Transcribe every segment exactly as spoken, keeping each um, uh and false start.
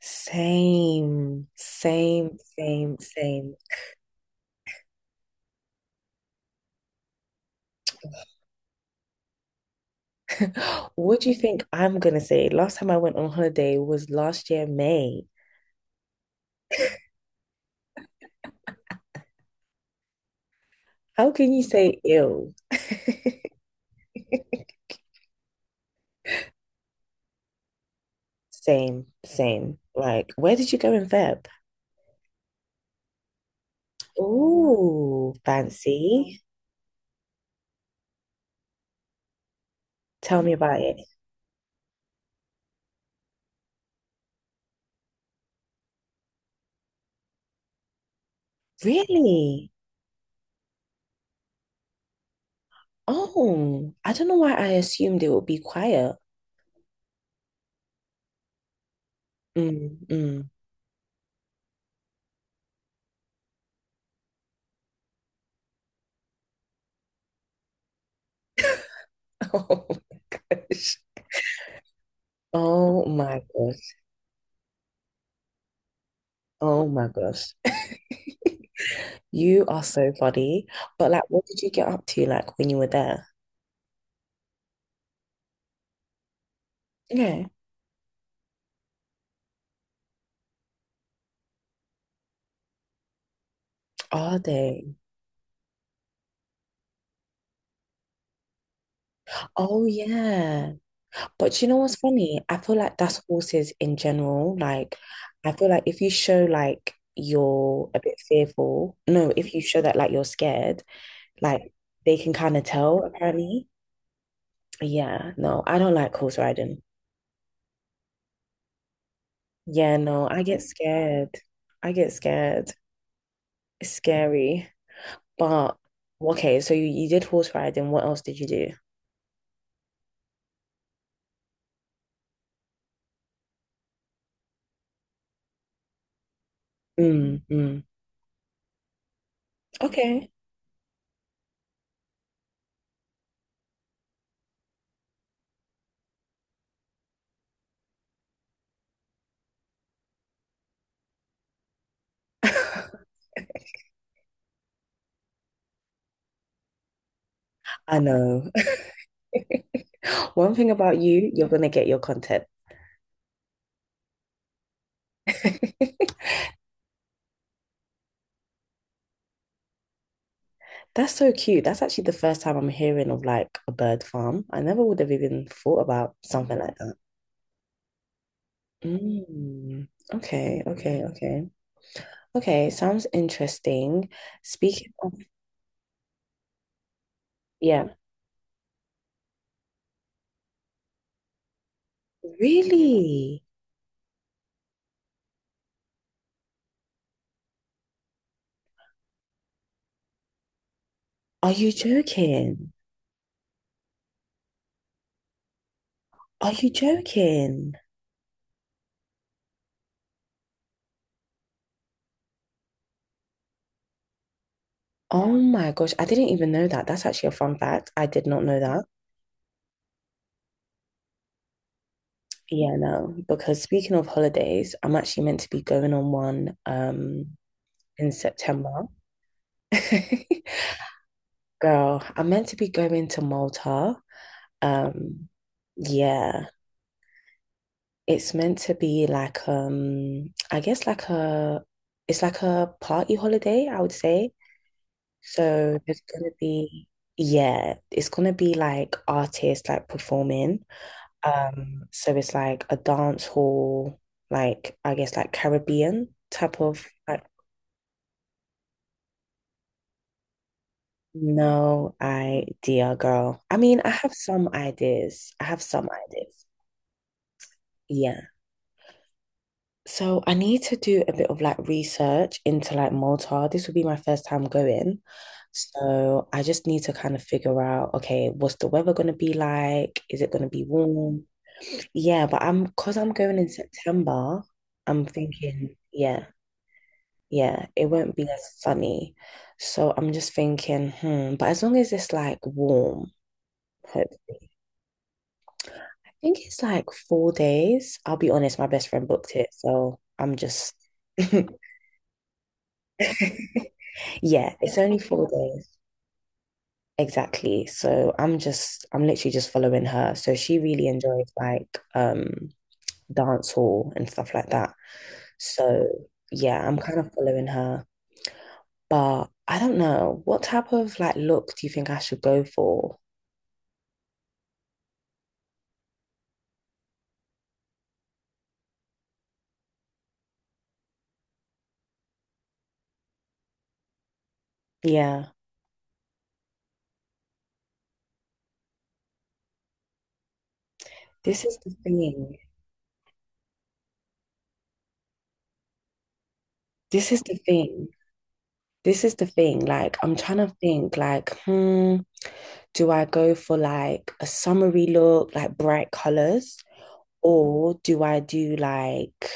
Same, same, same, same. What do you think I'm gonna say? Last time I went on holiday was last year, May. How can you say ill? Same, same. Like, where did you go in Feb? Ooh, fancy. Tell me about it. Really? Oh, I don't know why I assumed it would be quiet. Mm, mm. Oh, gosh. Oh my gosh. Oh my gosh. You are so funny. But like, what did you get up to like when you were there? Okay. Are they? Oh yeah. But you know what's funny? I feel like that's horses in general. Like, I feel like if you show like you're a bit fearful, no, if you show that like you're scared, like they can kind of tell apparently. Yeah, no, I don't like horse riding. Yeah, no, I get scared. I get scared. It's scary. But okay, so you, you did horse riding. What else did you do? Mm, mm. Okay. I know. One thing about you, you're gonna get your content. That's so cute. That's actually the first time I'm hearing of like a bird farm. I never would have even thought about something like that. Mm. Okay, okay, okay. Okay, sounds interesting. Speaking of, yeah. Really? Are you joking? Are you joking? Oh my gosh, I didn't even know that. That's actually a fun fact. I did not know that. Yeah, no, because speaking of holidays, I'm actually meant to be going on one um in September. Girl, I'm meant to be going to Malta. Um, yeah, it's meant to be like um I guess like a it's like a party holiday, I would say. So there's gonna be yeah, it's gonna be like artists like performing. Um, so it's like a dance hall, like I guess like Caribbean type of like no idea, girl. I mean, I have some ideas. I have some ideas. Yeah. So I need to do a bit of like research into like Malta. This will be my first time going. So I just need to kind of figure out, okay, what's the weather going to be like? Is it going to be warm? Yeah, but I'm because I'm going in September, I'm thinking, yeah. Yeah, it won't be as sunny. So I'm just thinking, hmm, but as long as it's like warm, hopefully. I think it's like four days. I'll be honest, my best friend booked it, so I'm just yeah, it's only four days. Exactly. So I'm just I'm literally just following her. So she really enjoys like um dance hall and stuff like that. So yeah, I'm kind of following her. But I don't know, what type of like look do you think I should go for? Yeah, this is the thing. This is the thing. This is the thing. Like, I'm trying to think, like, hmm, do I go for like a summery look, like bright colors, or do I do like,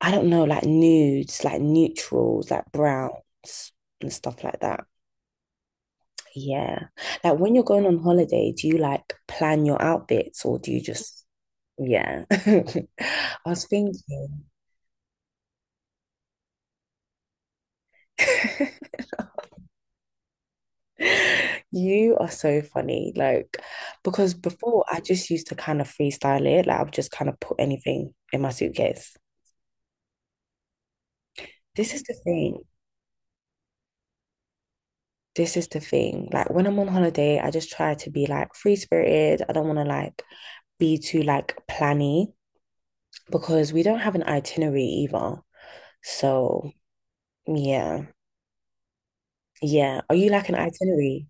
I don't know, like nudes, like neutrals, like browns and stuff like that? Yeah. Like, when you're going on holiday, do you like plan your outfits or do you just, yeah. I was thinking. You are so funny. Like, because before I just used to kind of freestyle it. Like, I would just kind of put anything in my suitcase. This is the thing. This is the thing. Like, when I'm on holiday, I just try to be like free spirited. I don't want to like be too like planny because we don't have an itinerary either. So, yeah. Yeah. Are you like an itinerary?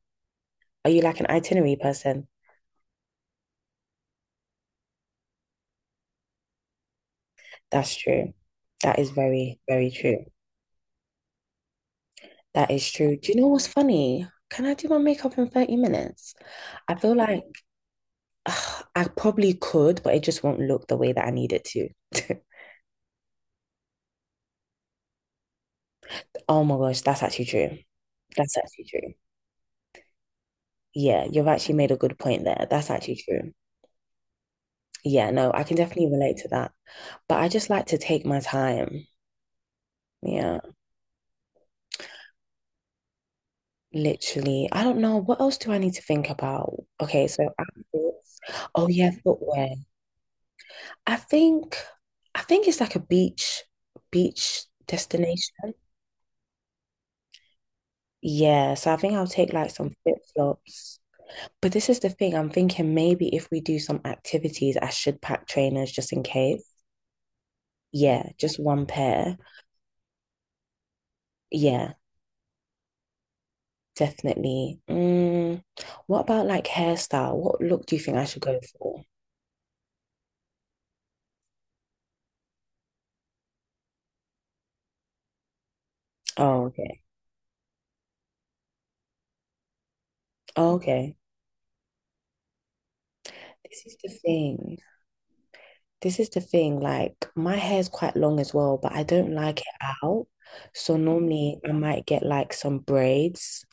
Are you like an itinerary person? That's true. That is very, very true. That is true. Do you know what's funny? Can I do my makeup in thirty minutes? I feel like ugh, I probably could, but it just won't look the way that I need it to. Oh my gosh, that's actually true. That's actually true. Yeah, you've actually made a good point there. That's actually true. Yeah, no, I can definitely relate to that. But I just like to take my time. Yeah, literally. I don't know. What else do I need to think about? Okay, so outfits. Oh, yeah, footwear. I think I think it's like a beach beach destination. Yeah, so I think I'll take like some flip-flops. But this is the thing, I'm thinking maybe if we do some activities, I should pack trainers just in case. Yeah, just one pair. Yeah, definitely. Mm, what about like hairstyle? What look do you think I should go for? Oh, okay. Oh, okay. This is the thing. This is the thing, like my hair's quite long as well, but I don't like it out. So normally I might get like some braids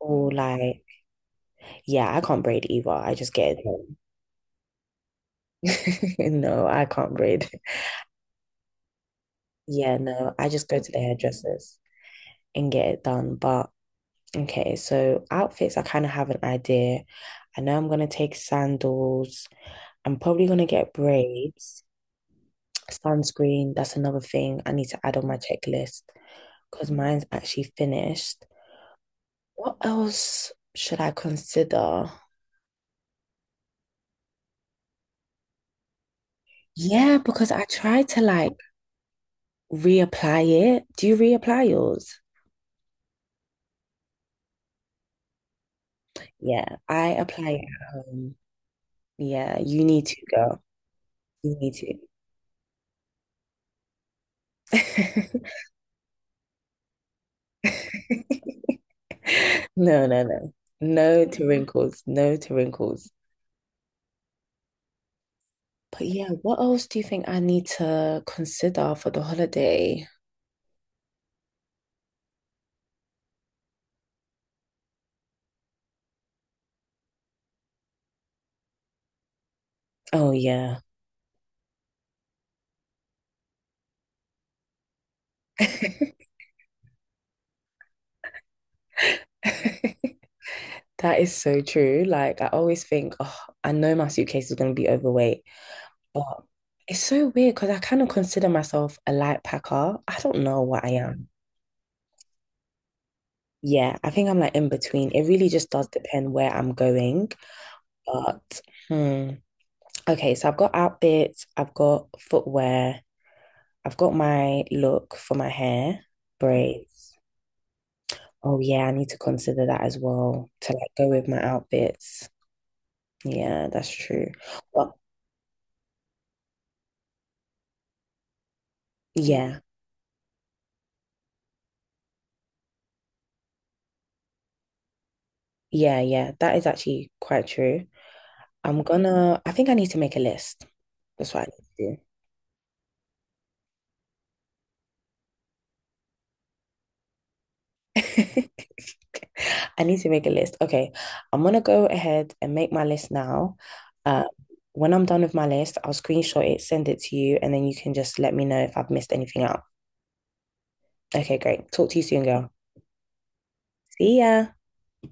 or like, yeah, I can't braid either. I just get it done. No, I can't braid. Yeah, no, I just go to the hairdressers and get it done. But okay, so outfits, I kind of have an idea. I know I'm gonna take sandals. I'm probably gonna get braids, sunscreen. That's another thing I need to add on my checklist because mine's actually finished. What else should I consider? Yeah, because I try to like reapply it. Do you reapply yours? Yeah, I apply it at home. Yeah, you need to, girl. You need to. No, no, no. No to wrinkles. No to wrinkles. But yeah, what else do you think I need to consider for the holiday? Oh, yeah. That is so true. Like, I always think, oh, I know my suitcase is going to be overweight. But it's so weird because I kind of consider myself a light packer. I don't know what I am. Yeah, I think I'm like in between. It really just does depend where I'm going. But hmm. Okay, so I've got outfits, I've got footwear, I've got my look for my hair, braids. Oh yeah, I need to consider that as well to like go with my outfits. Yeah, that's true. Well, yeah, yeah, yeah. That is actually quite true. I'm gonna, I think I need to make a list. That's what I need to do. I need to make a list. Okay. I'm gonna go ahead and make my list now. Uh, when I'm done with my list, I'll screenshot it, send it to you, and then you can just let me know if I've missed anything out. Okay, great. Talk to you soon, girl. See ya.